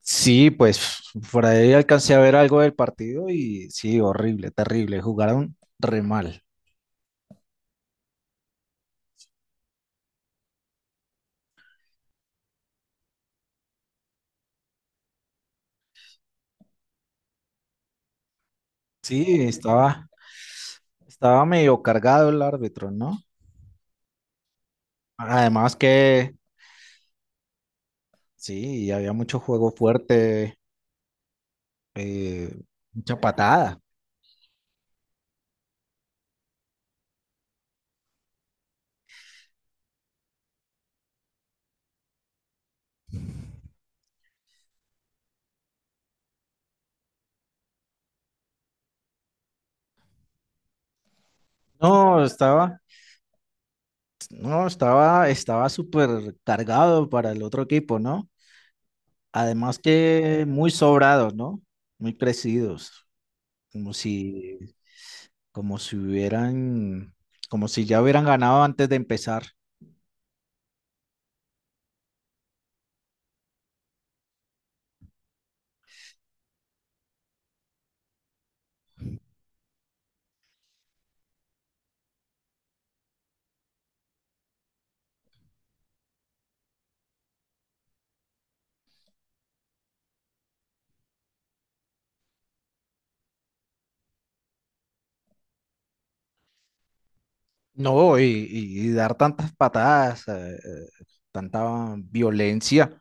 Sí, pues por ahí alcancé a ver algo del partido y sí, horrible, terrible. Jugaron re mal. Sí, estaba, estaba medio cargado el árbitro, ¿no? Además que sí, había mucho juego fuerte, eh, mucha patada. No, estaba, no, estaba, estaba súper cargado para el otro equipo, ¿no? Además que muy sobrados, ¿no? Muy crecidos, como si como si hubieran, como si ya hubieran ganado antes de empezar. No, y dar tantas patadas, tanta violencia.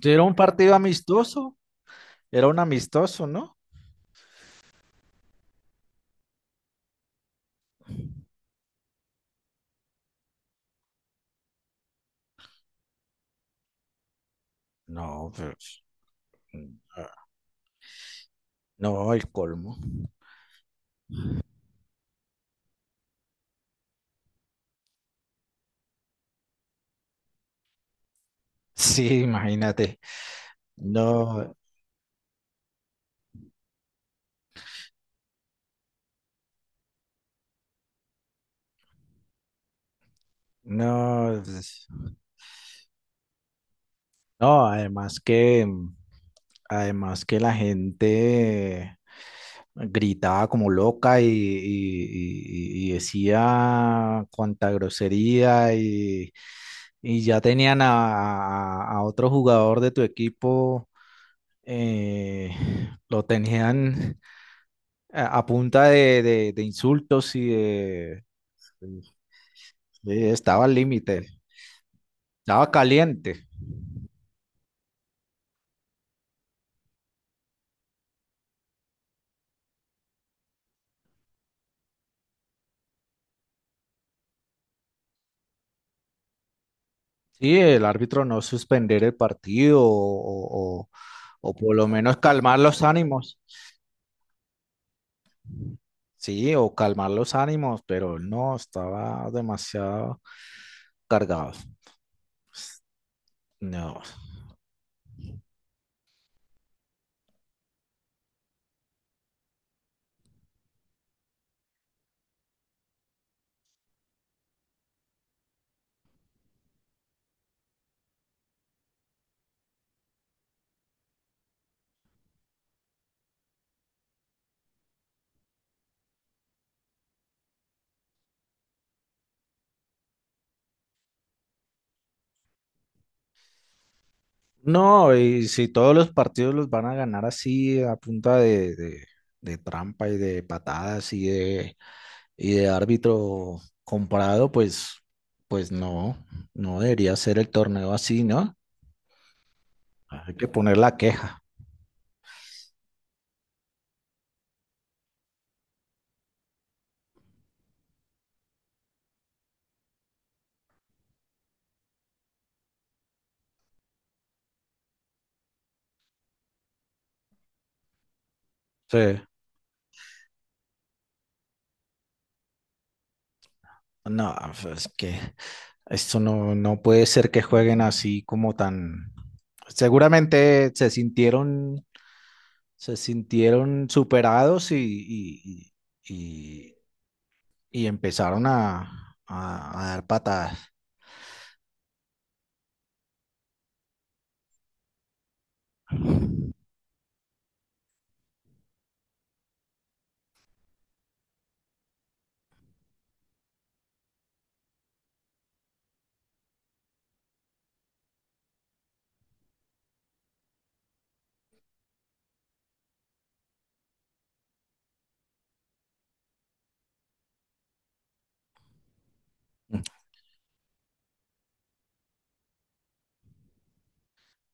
Si era un partido amistoso, era un amistoso, ¿no? No, pues, mm, ah, no, el colmo. Sí, imagínate. No, no, pues, no, además que la gente gritaba como loca y decía cuánta grosería y ya tenían a otro jugador de tu equipo, eh, lo tenían a punta de insultos y de estaba al límite, estaba caliente. Sí, el árbitro no suspender el partido o o por lo menos calmar los ánimos. Sí, o calmar los ánimos, pero no, estaba demasiado cargado. No. No, y si todos los partidos los van a ganar así a punta de trampa y de patadas y de árbitro comprado, pues, pues no, no debería ser el torneo así, ¿no? Hay que poner la queja. Sí. No, pues, es que esto no, no puede ser que jueguen así como tan... Seguramente se sintieron superados y- y- y empezaron a dar patadas.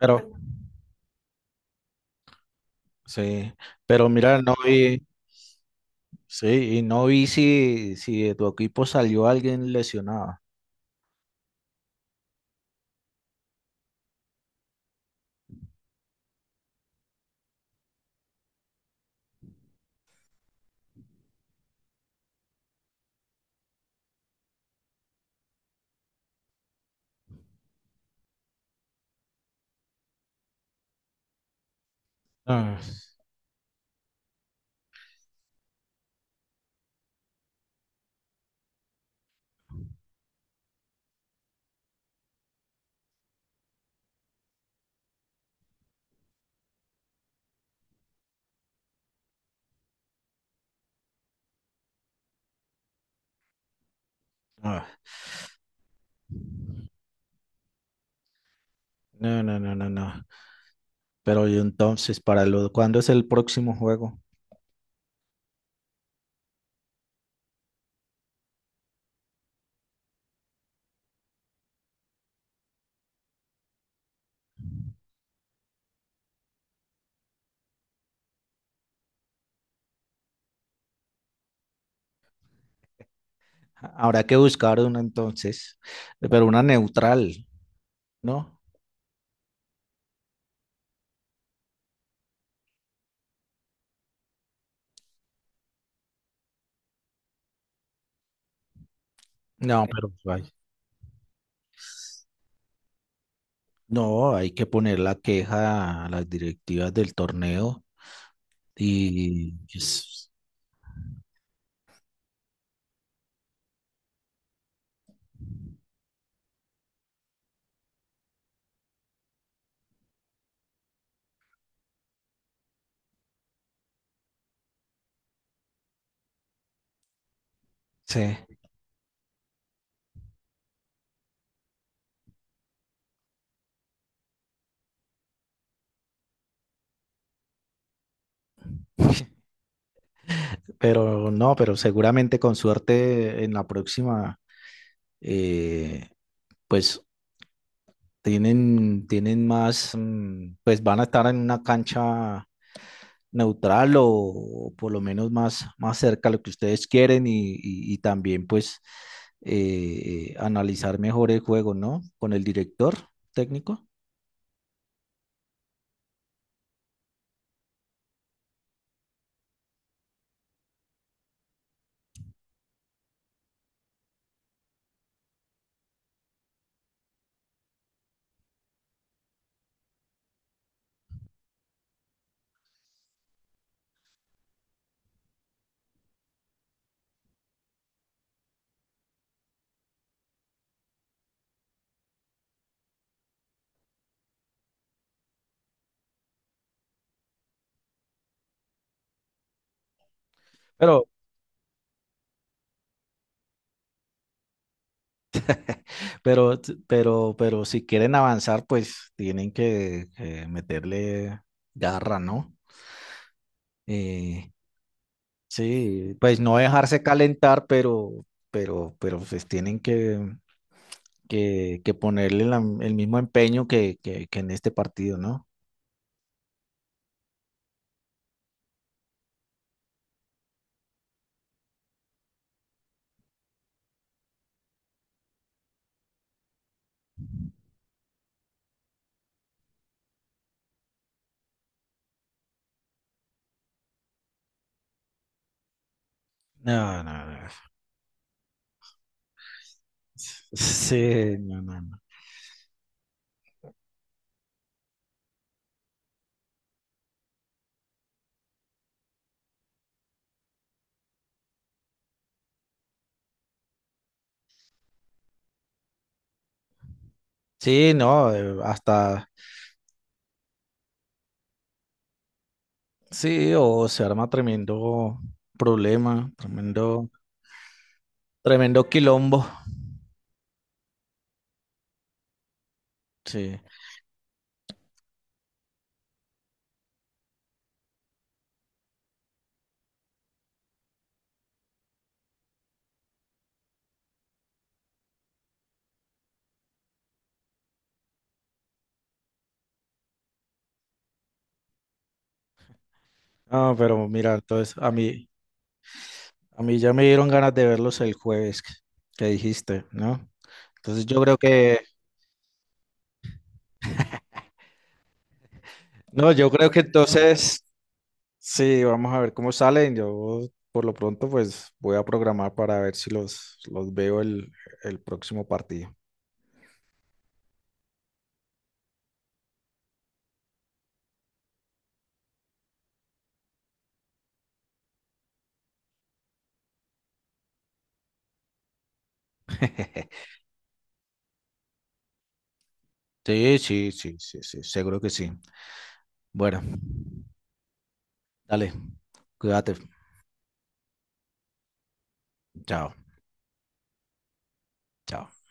Pero, sí, pero mira, no vi, sí, y no vi si, si de tu equipo salió alguien lesionado. Ah, ah. No, no, no, no, no. Pero y entonces, para lo, ¿cuándo es el próximo juego? Habrá que buscar una entonces, pero una neutral, ¿no? No, pero ay, no, hay que poner la queja a las directivas del torneo y es- sí, pero no, pero seguramente con suerte en la próxima, eh, pues tienen más, mm, pues van a estar en una cancha neutral o por lo menos más, más cerca a lo que ustedes quieren y también pues analizar mejor el juego, ¿no? Con el director técnico. Pero pero, pero si quieren avanzar, pues que meterle garra, ¿no? Eh, sí, pues no dejarse calentar, pero pues que ponerle el mismo empeño que en este partido, ¿no? No, no, no. Sí, no, no, no. Sí, no, hasta, sí, o se arma tremendo problema, tremendo, tremendo quilombo, sí. No, pero mira, entonces a mí ya me dieron ganas de verlos el jueves que dijiste, ¿no? Entonces yo creo que, no, yo creo que entonces, sí, vamos a ver cómo salen. Yo por lo pronto pues voy a programar para ver si los veo el próximo partido. Sí, sí, sí, sí, sí, seguro que sí. Bueno, dale, cuídate. Chao, chao.